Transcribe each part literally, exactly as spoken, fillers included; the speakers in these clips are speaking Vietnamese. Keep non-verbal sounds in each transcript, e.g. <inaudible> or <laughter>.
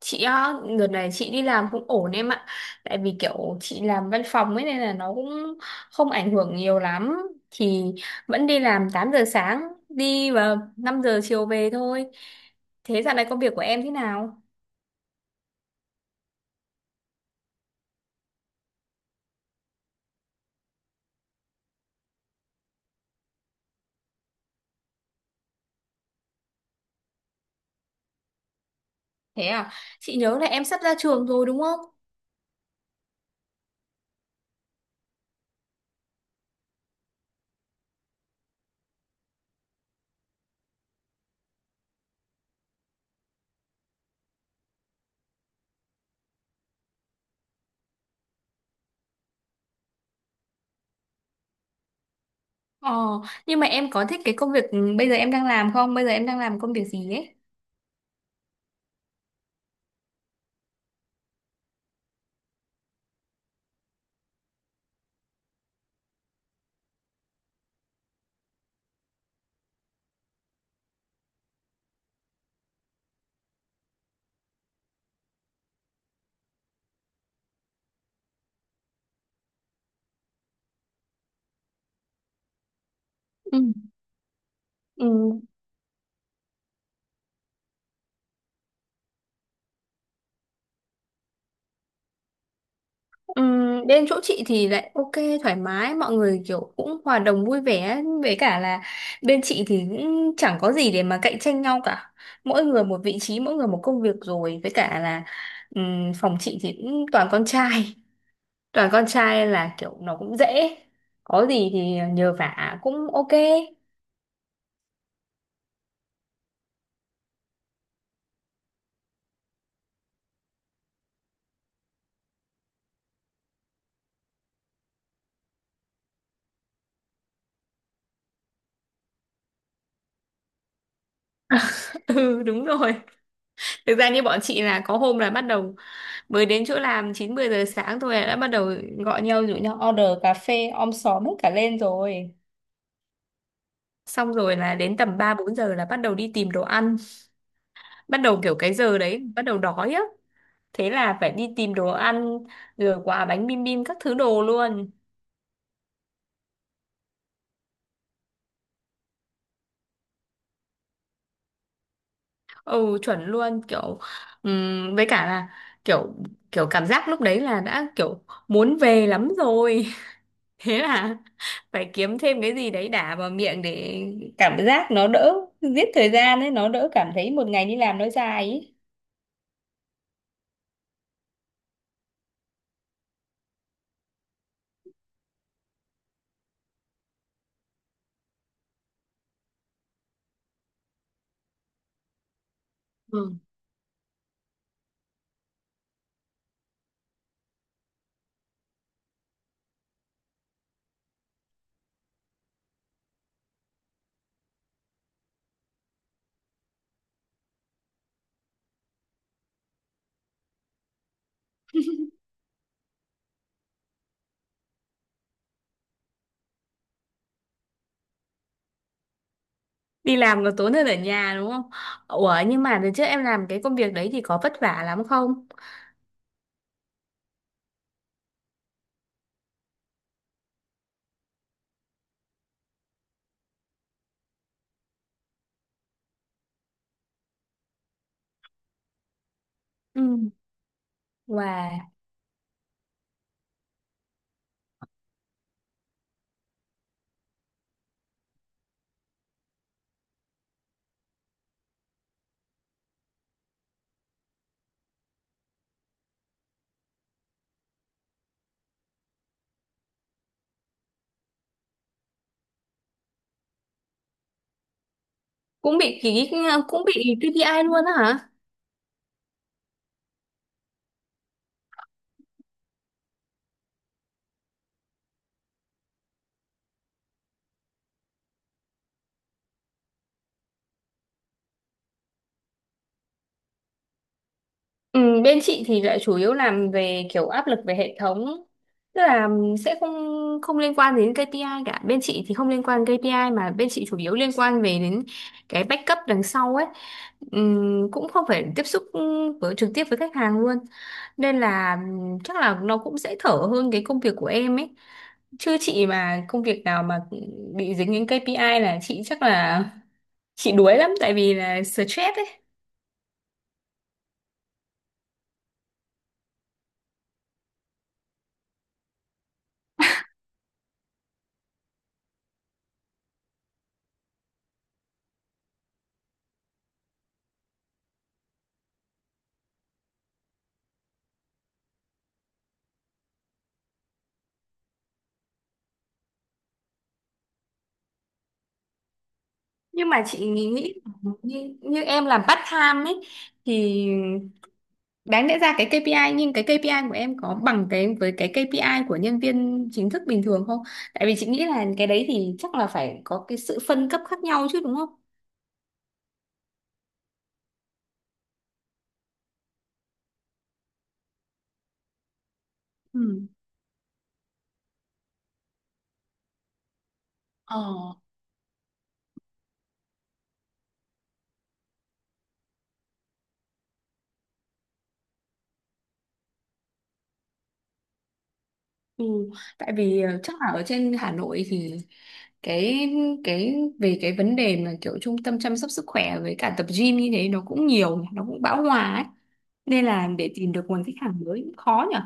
Chị á, đợt này chị đi làm cũng ổn em ạ. Tại vì kiểu chị làm văn phòng ấy nên là nó cũng không ảnh hưởng nhiều lắm, thì vẫn đi làm tám giờ sáng đi và năm giờ chiều về thôi. Thế dạo này công việc của em thế nào? Thế à, chị nhớ là em sắp ra trường rồi đúng không? ờ nhưng mà em có thích cái công việc bây giờ em đang làm không? Bây giờ em đang làm công việc gì ấy? Ừ. Ừ. Ừm, bên chỗ chị thì lại ok, thoải mái, mọi người kiểu cũng hòa đồng vui vẻ, với cả là bên chị thì cũng chẳng có gì để mà cạnh tranh nhau cả, mỗi người một vị trí, mỗi người một công việc, rồi với cả là ừm, phòng chị thì cũng toàn con trai. <laughs> Toàn con trai là kiểu nó cũng dễ, có gì thì nhờ vả cũng ok. <laughs> Ừ, đúng rồi. Thực ra như bọn chị là có hôm là bắt đầu mới đến chỗ làm chín mười giờ sáng thôi đã bắt đầu gọi nhau rủ nhau order cà phê om xóm hết cả lên rồi. Xong rồi là đến tầm ba bốn giờ là bắt đầu đi tìm đồ ăn, bắt đầu kiểu cái giờ đấy bắt đầu đói á. Thế là phải đi tìm đồ ăn, rồi quà bánh bim bim các thứ đồ luôn. Ừ, chuẩn luôn, kiểu ừm, với cả là kiểu kiểu cảm giác lúc đấy là đã kiểu muốn về lắm rồi. <laughs> Thế là phải kiếm thêm cái gì đấy đả vào miệng để cảm giác nó đỡ, giết thời gian ấy, nó đỡ cảm thấy một ngày đi làm nó dài ấy. Đi làm còn tốn hơn ở nhà đúng không? Ủa nhưng mà đợt trước em làm cái công việc đấy thì có vất vả lắm không? Ừ. Wow. Cũng bị ký, cũng bị ca pê i luôn á hả? Ừ, bên chị thì lại chủ yếu làm về kiểu áp lực về hệ thống. Tức là ừ, sẽ không không liên quan đến ca pê i cả. Bên chị thì không liên quan kây pi ai mà bên chị chủ yếu liên quan về đến cái backup đằng sau ấy. Ừm, cũng không phải tiếp xúc ừ, với trực tiếp với khách hàng luôn, nên là ừm, chắc là nó cũng sẽ thở hơn cái công việc của em ấy. Chứ chị mà công việc nào mà bị dính đến kây pi ai là chị chắc là chị đuối lắm, tại vì là stress ấy. Nhưng mà chị nghĩ nghĩ như, như em làm part time ấy thì đáng lẽ ra cái kây pi ai, nhưng cái kây pi ai của em có bằng cái với cái kây pi ai của nhân viên chính thức bình thường không? Tại vì chị nghĩ là cái đấy thì chắc là phải có cái sự phân cấp khác nhau chứ đúng không? Ừ. Ờ. Ừ, tại vì ờ, chắc là ở trên Hà Nội thì cái cái về cái vấn đề mà kiểu trung tâm chăm sóc sức khỏe với cả tập gym như thế nó cũng nhiều, nó cũng bão hòa ấy. Nên là để tìm được nguồn khách hàng mới cũng khó nhỉ.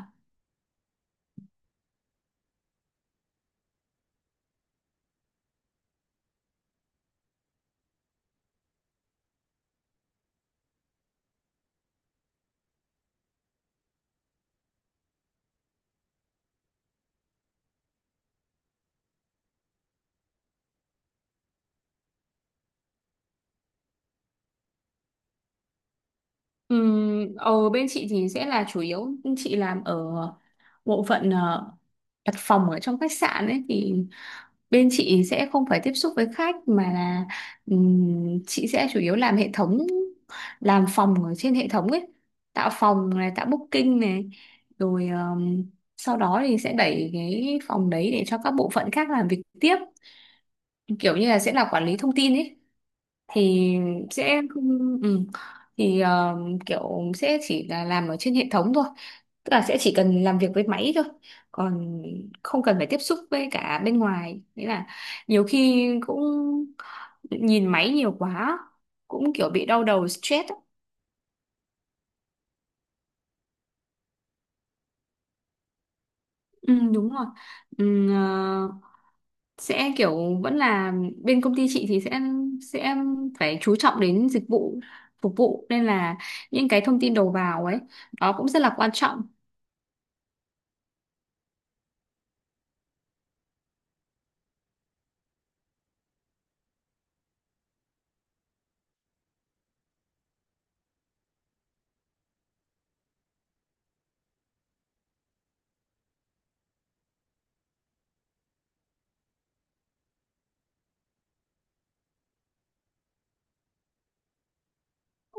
Ừm, ở bên chị thì sẽ là chủ yếu chị làm ở bộ phận ờ, đặt phòng ở trong khách sạn ấy thì bên chị sẽ không phải tiếp xúc với khách mà là ừm, chị sẽ chủ yếu làm hệ thống, làm phòng ở trên hệ thống ấy, tạo phòng này, tạo booking này, rồi ờm, sau đó thì sẽ đẩy cái phòng đấy để cho các bộ phận khác làm việc tiếp, kiểu như là sẽ là quản lý thông tin ấy. Thì sẽ không ừ, thì ờ, kiểu sẽ chỉ là làm ở trên hệ thống thôi, tức là sẽ chỉ cần làm việc với máy thôi, còn không cần phải tiếp xúc với cả bên ngoài, nghĩa là nhiều khi cũng nhìn máy nhiều quá cũng kiểu bị đau đầu stress á. Ừ, đúng rồi. Ừ, ờ, sẽ kiểu vẫn là bên công ty chị thì sẽ sẽ phải chú trọng đến dịch vụ phục vụ, nên là những cái thông tin đầu vào ấy đó cũng rất là quan trọng.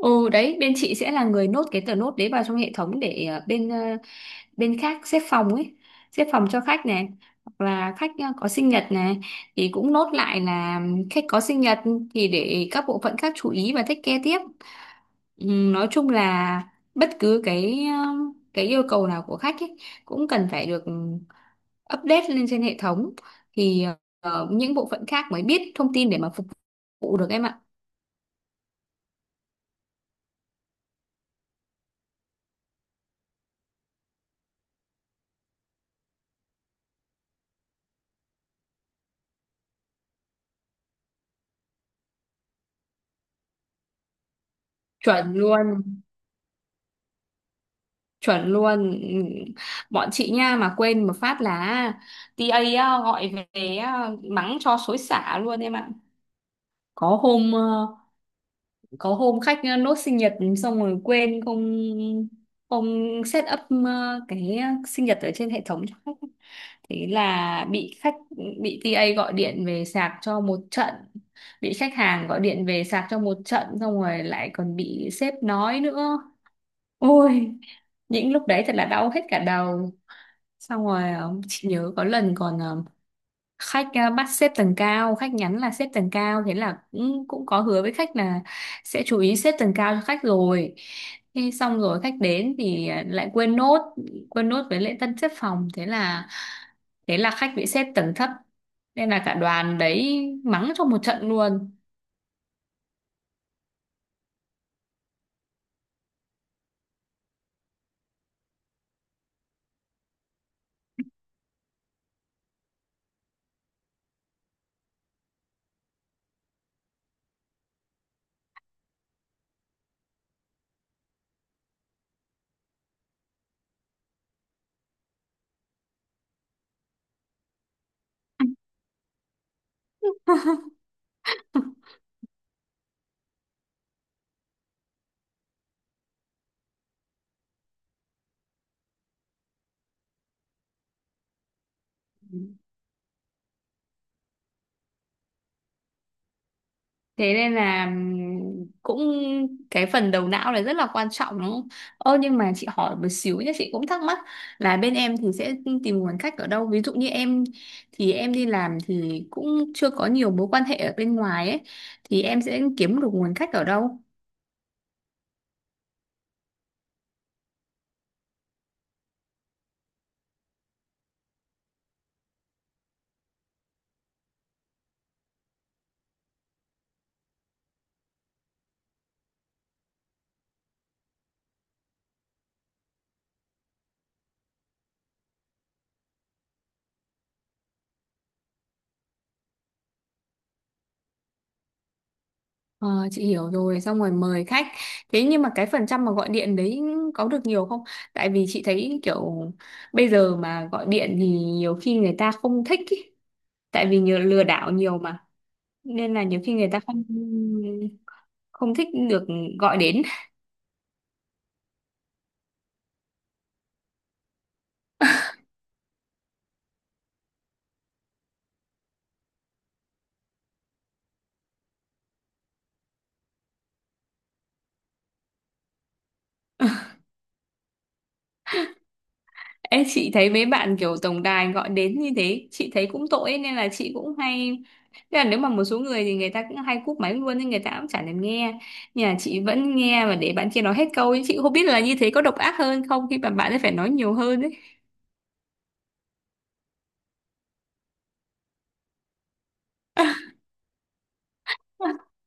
Ừ, đấy bên chị sẽ là người nốt cái tờ nốt đấy vào trong hệ thống để ờ, bên ờ, bên khác xếp phòng ấy, xếp phòng cho khách này, hoặc là khách ờ, có sinh nhật này thì cũng nốt lại là khách có sinh nhật, thì để các bộ phận khác chú ý và take care tiếp. Ừ, nói chung là bất cứ cái ờ, cái yêu cầu nào của khách ấy cũng cần phải được update lên trên hệ thống, thì ờ, ờ, những bộ phận khác mới biết thông tin để mà phục vụ được em ạ. chuẩn luôn Chuẩn luôn. Ừ. Bọn chị nha mà quên một phát là tê a á, gọi về á, mắng cho xối xả luôn em ạ. Có hôm ờ, có hôm khách nốt sinh nhật, xong rồi quên không không set up ờ, cái sinh nhật ở trên hệ thống cho khách, thế là bị khách, bị tê a gọi điện về sạc cho một trận, bị khách hàng gọi điện về sạc cho một trận, xong rồi lại còn bị sếp nói nữa. Ôi, những lúc đấy thật là đau hết cả đầu. Xong rồi ờ, chị nhớ có lần còn ờ, khách ờ, bắt xếp tầng cao, khách nhắn là xếp tầng cao, thế là cũng cũng có hứa với khách là sẽ chú ý xếp tầng cao cho khách rồi. Thế xong rồi khách đến thì ờ, lại quên nốt, quên nốt với lễ tân xếp phòng, thế là thế là khách bị xếp tầng thấp, nên là cả đoàn đấy mắng cho một trận luôn. Thế nên là ừm, cũng cái phần đầu não là rất là quan trọng đúng không? Ơ nhưng mà chị hỏi một xíu nhé, chị cũng thắc mắc là bên em thì sẽ tìm nguồn khách ở đâu? Ví dụ như em thì em đi làm thì cũng chưa có nhiều mối quan hệ ở bên ngoài ấy, thì em sẽ kiếm được nguồn khách ở đâu? Ờ, chị hiểu rồi, xong rồi mời khách. Thế nhưng mà cái phần trăm mà gọi điện đấy có được nhiều không? Tại vì chị thấy kiểu bây giờ mà gọi điện thì nhiều khi người ta không thích ý. Tại vì nhiều lừa đảo nhiều mà. Nên là nhiều khi người ta không không thích được gọi đến. Ê, chị thấy mấy bạn kiểu tổng đài gọi đến như thế chị thấy cũng tội ấy, nên là chị cũng hay. Thế là nếu mà một số người thì người ta cũng hay cúp máy luôn, nhưng người ta cũng chả thèm nghe, nhà chị vẫn nghe và để bạn kia nói hết câu ấy. Chị không biết là như thế có độc ác hơn không khi mà bạn ấy phải nói nhiều hơn ấy. <laughs>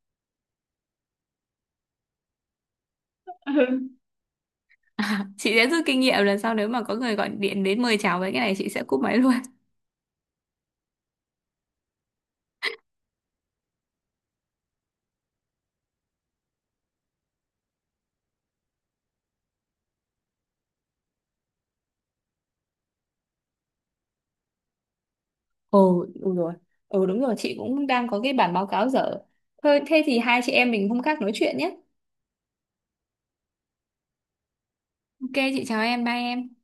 Ừ. À, chị sẽ rút kinh nghiệm lần sau nếu mà có người gọi điện đến mời chào với cái này chị sẽ cúp máy luôn. Ồ, đúng rồi. Ừ đúng rồi, chị cũng đang có cái bản báo cáo dở. Thôi, thế thì hai chị em mình hôm khác nói chuyện nhé. Ok, chị chào em, bye em.